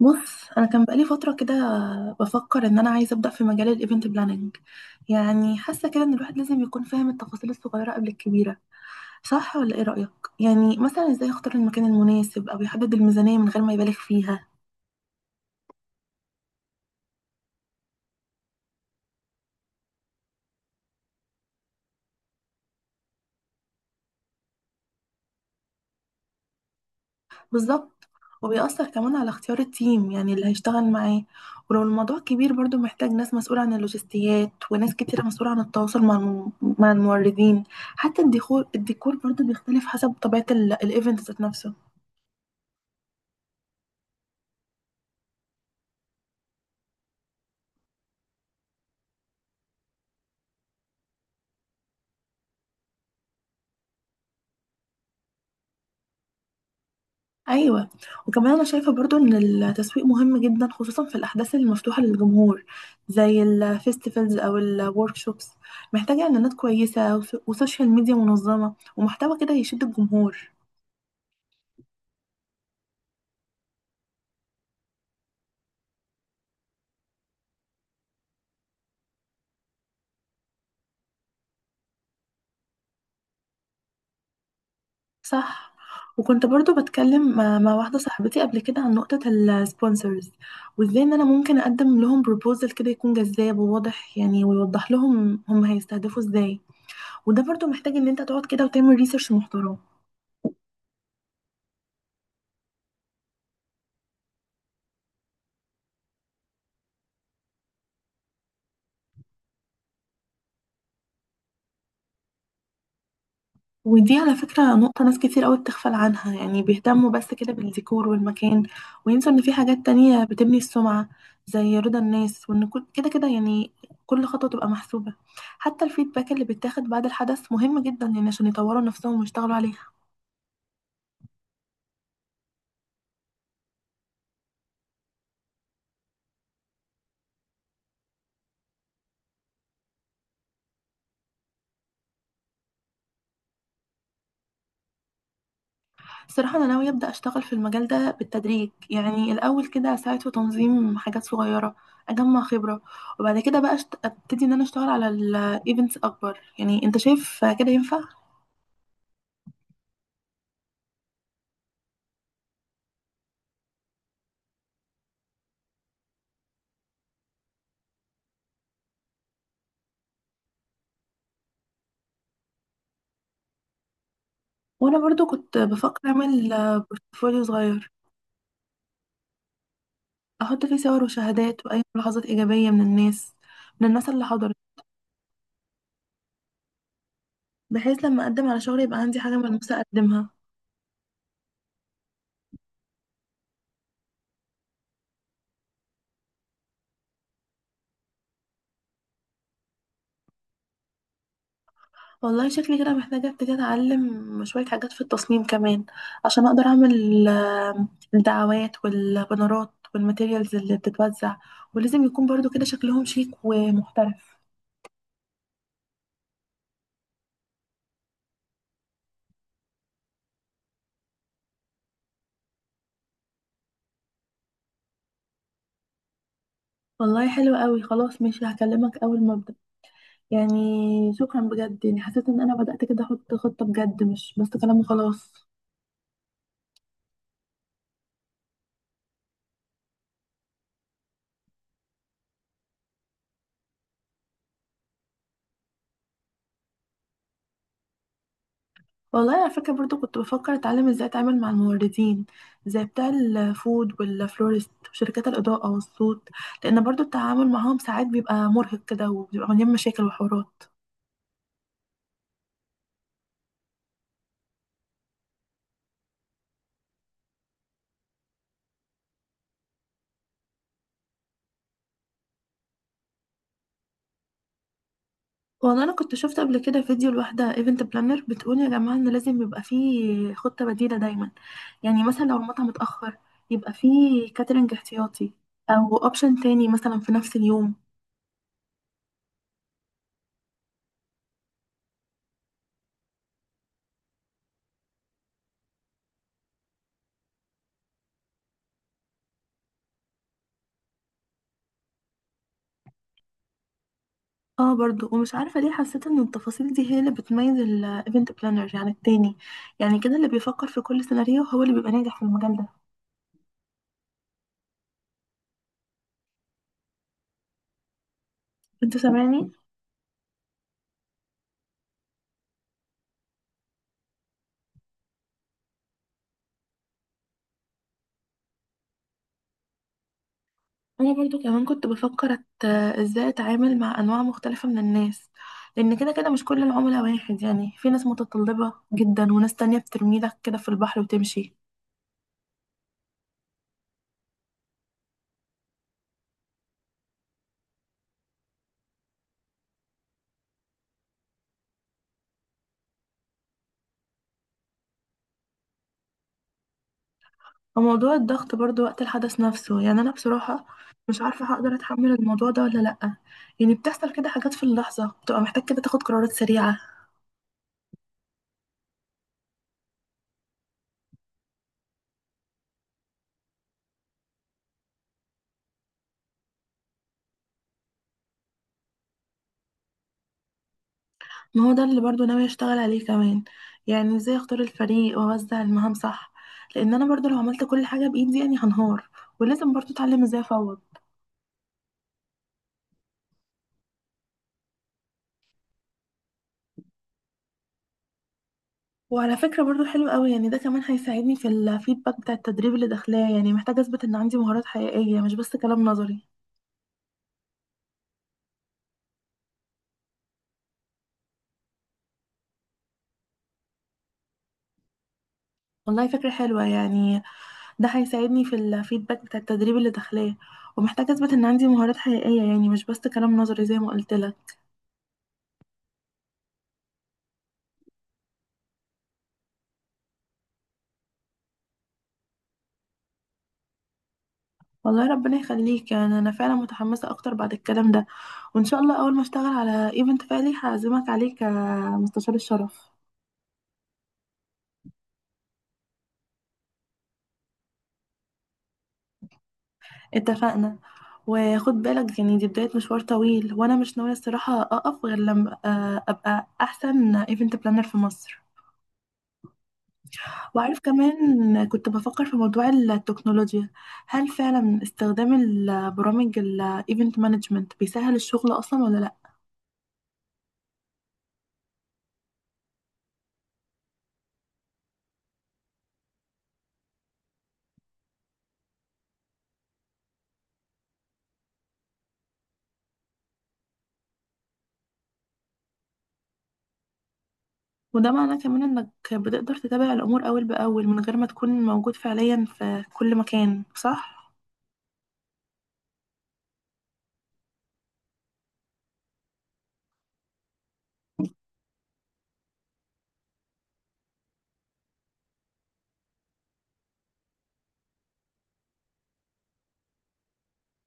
بص، انا كان بقالي فتره كده بفكر ان انا عايزه ابدا في مجال الايفنت بلاننج. يعني حاسه كده ان الواحد لازم يكون فاهم التفاصيل الصغيره قبل الكبيره. صح ولا ايه رايك؟ يعني مثلا ازاي يختار المكان المناسب او يحدد الميزانيه من غير ما يبالغ فيها. بالظبط، وبيأثر كمان على اختيار التيم يعني اللي هيشتغل معاه. ولو الموضوع كبير برضو محتاج ناس مسؤوله عن اللوجستيات وناس كتيره مسؤوله عن التواصل مع مع الموردين. حتى الديكور الديكور برضو بيختلف حسب طبيعه الايفنت ذات نفسه. ايوه، وكمان انا شايفه برضو ان التسويق مهم جدا خصوصا في الاحداث المفتوحه للجمهور، زي الفيستيفالز او الوركشوبس. محتاجه اعلانات كويسه وسوشيال ميديا منظمه ومحتوى كده يشد الجمهور. صح. وكنت برضو بتكلم مع واحده صاحبتي قبل كده عن نقطه السبونسرز، وازاي ان انا ممكن اقدم لهم بروبوزل كده يكون جذاب وواضح يعني، ويوضح لهم هم هيستهدفوا ازاي. وده برضو محتاج ان انت تقعد كده وتعمل ريسيرش محترم. ودي على فكرة نقطة ناس كتير قوي بتغفل عنها، يعني بيهتموا بس كده بالديكور والمكان، وينسوا ان في حاجات تانية بتبني السمعة، زي رضا الناس. وان كده كده يعني، كل خطوة تبقى محسوبة. حتى الفيدباك اللي بيتاخد بعد الحدث مهم جدا يعني، عشان يطوروا نفسهم ويشتغلوا عليها. الصراحة أنا ناوية أبدأ أشتغل في المجال ده بالتدريج، يعني الأول كده أساعد في تنظيم حاجات صغيرة، أجمع خبرة، وبعد كده بقى أبتدي إن أنا أشتغل على الإيفنتس أكبر. يعني أنت شايف كده ينفع؟ وانا برضو كنت بفكر اعمل بورتفوليو صغير، احط فيه صور وشهادات واي ملاحظات ايجابيه من الناس، من الناس اللي حضرت، بحيث لما اقدم على شغل يبقى عندي حاجه ملموسه اقدمها. والله شكلي كده محتاجه ابتدي اتعلم شويه حاجات في التصميم كمان، عشان اقدر اعمل الدعوات والبنرات والماتيريالز اللي بتتوزع. ولازم يكون برضو كده شكلهم شيك ومحترف. والله حلو قوي، خلاص ماشي، هكلمك اول ما ابدا. يعني شكرا بجد، يعني حسيت ان انا بدأت كده احط خطة بجد، مش بس كلام وخلاص. والله على فكرة برضو كنت بفكر اتعلم ازاي اتعامل مع الموردين، زي بتاع الفود والفلورست وشركات الاضاءة والصوت، لان برضو التعامل معاهم ساعات بيبقى مرهق كده، وبيبقى مليان مشاكل وحوارات. والله انا كنت شفت قبل كده فيديو لواحدة ايفنت بلانر بتقول يا جماعة ان لازم يبقى فيه خطة بديلة دايما. يعني مثلا لو المطعم اتأخر، يبقى فيه كاترينج احتياطي، او اوبشن تاني مثلا في نفس اليوم. اه برضو، ومش عارفة ليه حسيت ان التفاصيل دي هي اللي بتميز الايفنت بلانر عن التاني. يعني كده، اللي بيفكر في كل سيناريو هو اللي بيبقى ناجح في المجال ده. انت سامعني؟ انا برضو كمان كنت بفكر ازاي اتعامل مع انواع مختلفة من الناس، لان كده كده مش كل العملاء واحد، يعني في ناس متطلبة جدا وناس تانية بترميلك كده في البحر وتمشي. وموضوع الضغط برضو وقت الحدث نفسه، يعني انا بصراحة مش عارفة هقدر اتحمل الموضوع ده ولا لأ. يعني بتحصل كده حاجات في اللحظة بتبقى محتاج كده تاخد قرارات سريعة. ما هو ده اللي برضو ناوي اشتغل عليه كمان. يعني ازاي اختار الفريق واوزع المهام صح، لان انا برضو لو عملت كل حاجة بايدي يعني هنهار. ولازم برضو اتعلم ازاي افوض. وعلى فكرة برضو حلو قوي، يعني ده كمان هيساعدني في الفيدباك بتاع التدريب اللي داخلاه. يعني محتاجة اثبت ان عندي مهارات حقيقية، مش بس كلام نظري. والله فكرة حلوة يعني. ده هيساعدني في الفيدباك بتاع التدريب اللي داخلاه، ومحتاجة اثبت ان عندي مهارات حقيقية، يعني مش بس كلام نظري زي ما قلت لك. والله ربنا يخليك، يعني انا فعلا متحمسه اكتر بعد الكلام ده. وان شاء الله اول ما اشتغل على ايفنت فعلي هعزمك عليه كمستشار الشرف. اتفقنا. وخد بالك يعني، دي بدايه مشوار طويل، وانا مش ناويه الصراحه اقف غير لما ابقى احسن ايفنت بلانر في مصر. وعارف، كمان كنت بفكر في موضوع التكنولوجيا. هل فعلا استخدام البرامج الايفنت مانجمنت بيسهل الشغل اصلا ولا لا؟ وده معناه كمان انك بتقدر تتابع الامور اول باول من غير ما تكون موجود فعليا في كل مكان، صح؟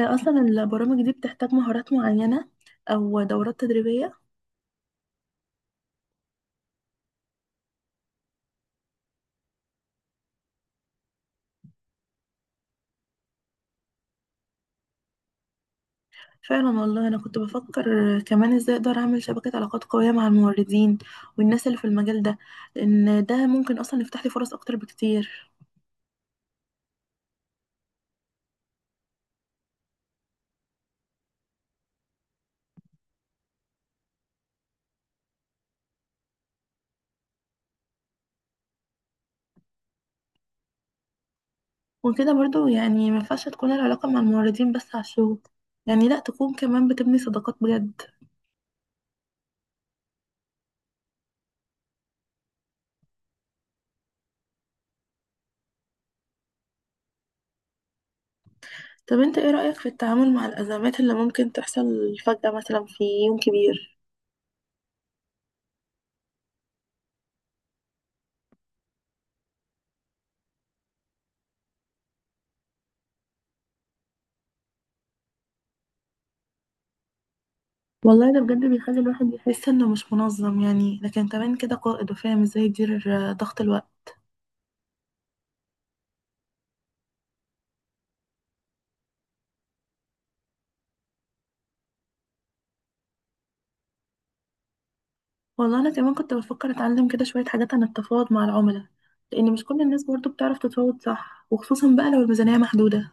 اصلا البرامج دي بتحتاج مهارات معينة او دورات تدريبية؟ فعلا، والله انا كنت بفكر كمان ازاي اقدر اعمل شبكة علاقات قوية مع الموردين والناس اللي في المجال ده، لان ده ممكن اصلا يفتح لي فرص اكتر بكتير. وكده برضو يعني ما ينفعش تكون العلاقة مع الموردين بس على الشغل، يعني لا، تكون كمان بتبني صداقات بجد. طب انت ايه رأيك في التعامل مع الأزمات اللي ممكن تحصل فجأة مثلا في يوم كبير؟ والله ده بجد بيخلي الواحد يحس انه مش منظم يعني، لكن كمان كده قائد وفاهم ازاي يدير ضغط الوقت. والله انا كمان كنت بفكر اتعلم كده شوية حاجات عن التفاوض مع العملاء، لان مش كل الناس برضو بتعرف تتفاوض صح، وخصوصا بقى لو الميزانية محدودة.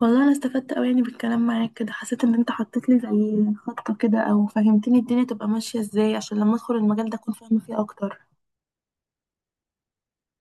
والله انا استفدت قوي يعني، بالكلام معاك كده حسيت ان انت حطيت لي زي خطة كده، او فهمتني الدنيا تبقى ماشية ازاي، عشان لما ادخل المجال ده اكون فاهمة فيه اكتر.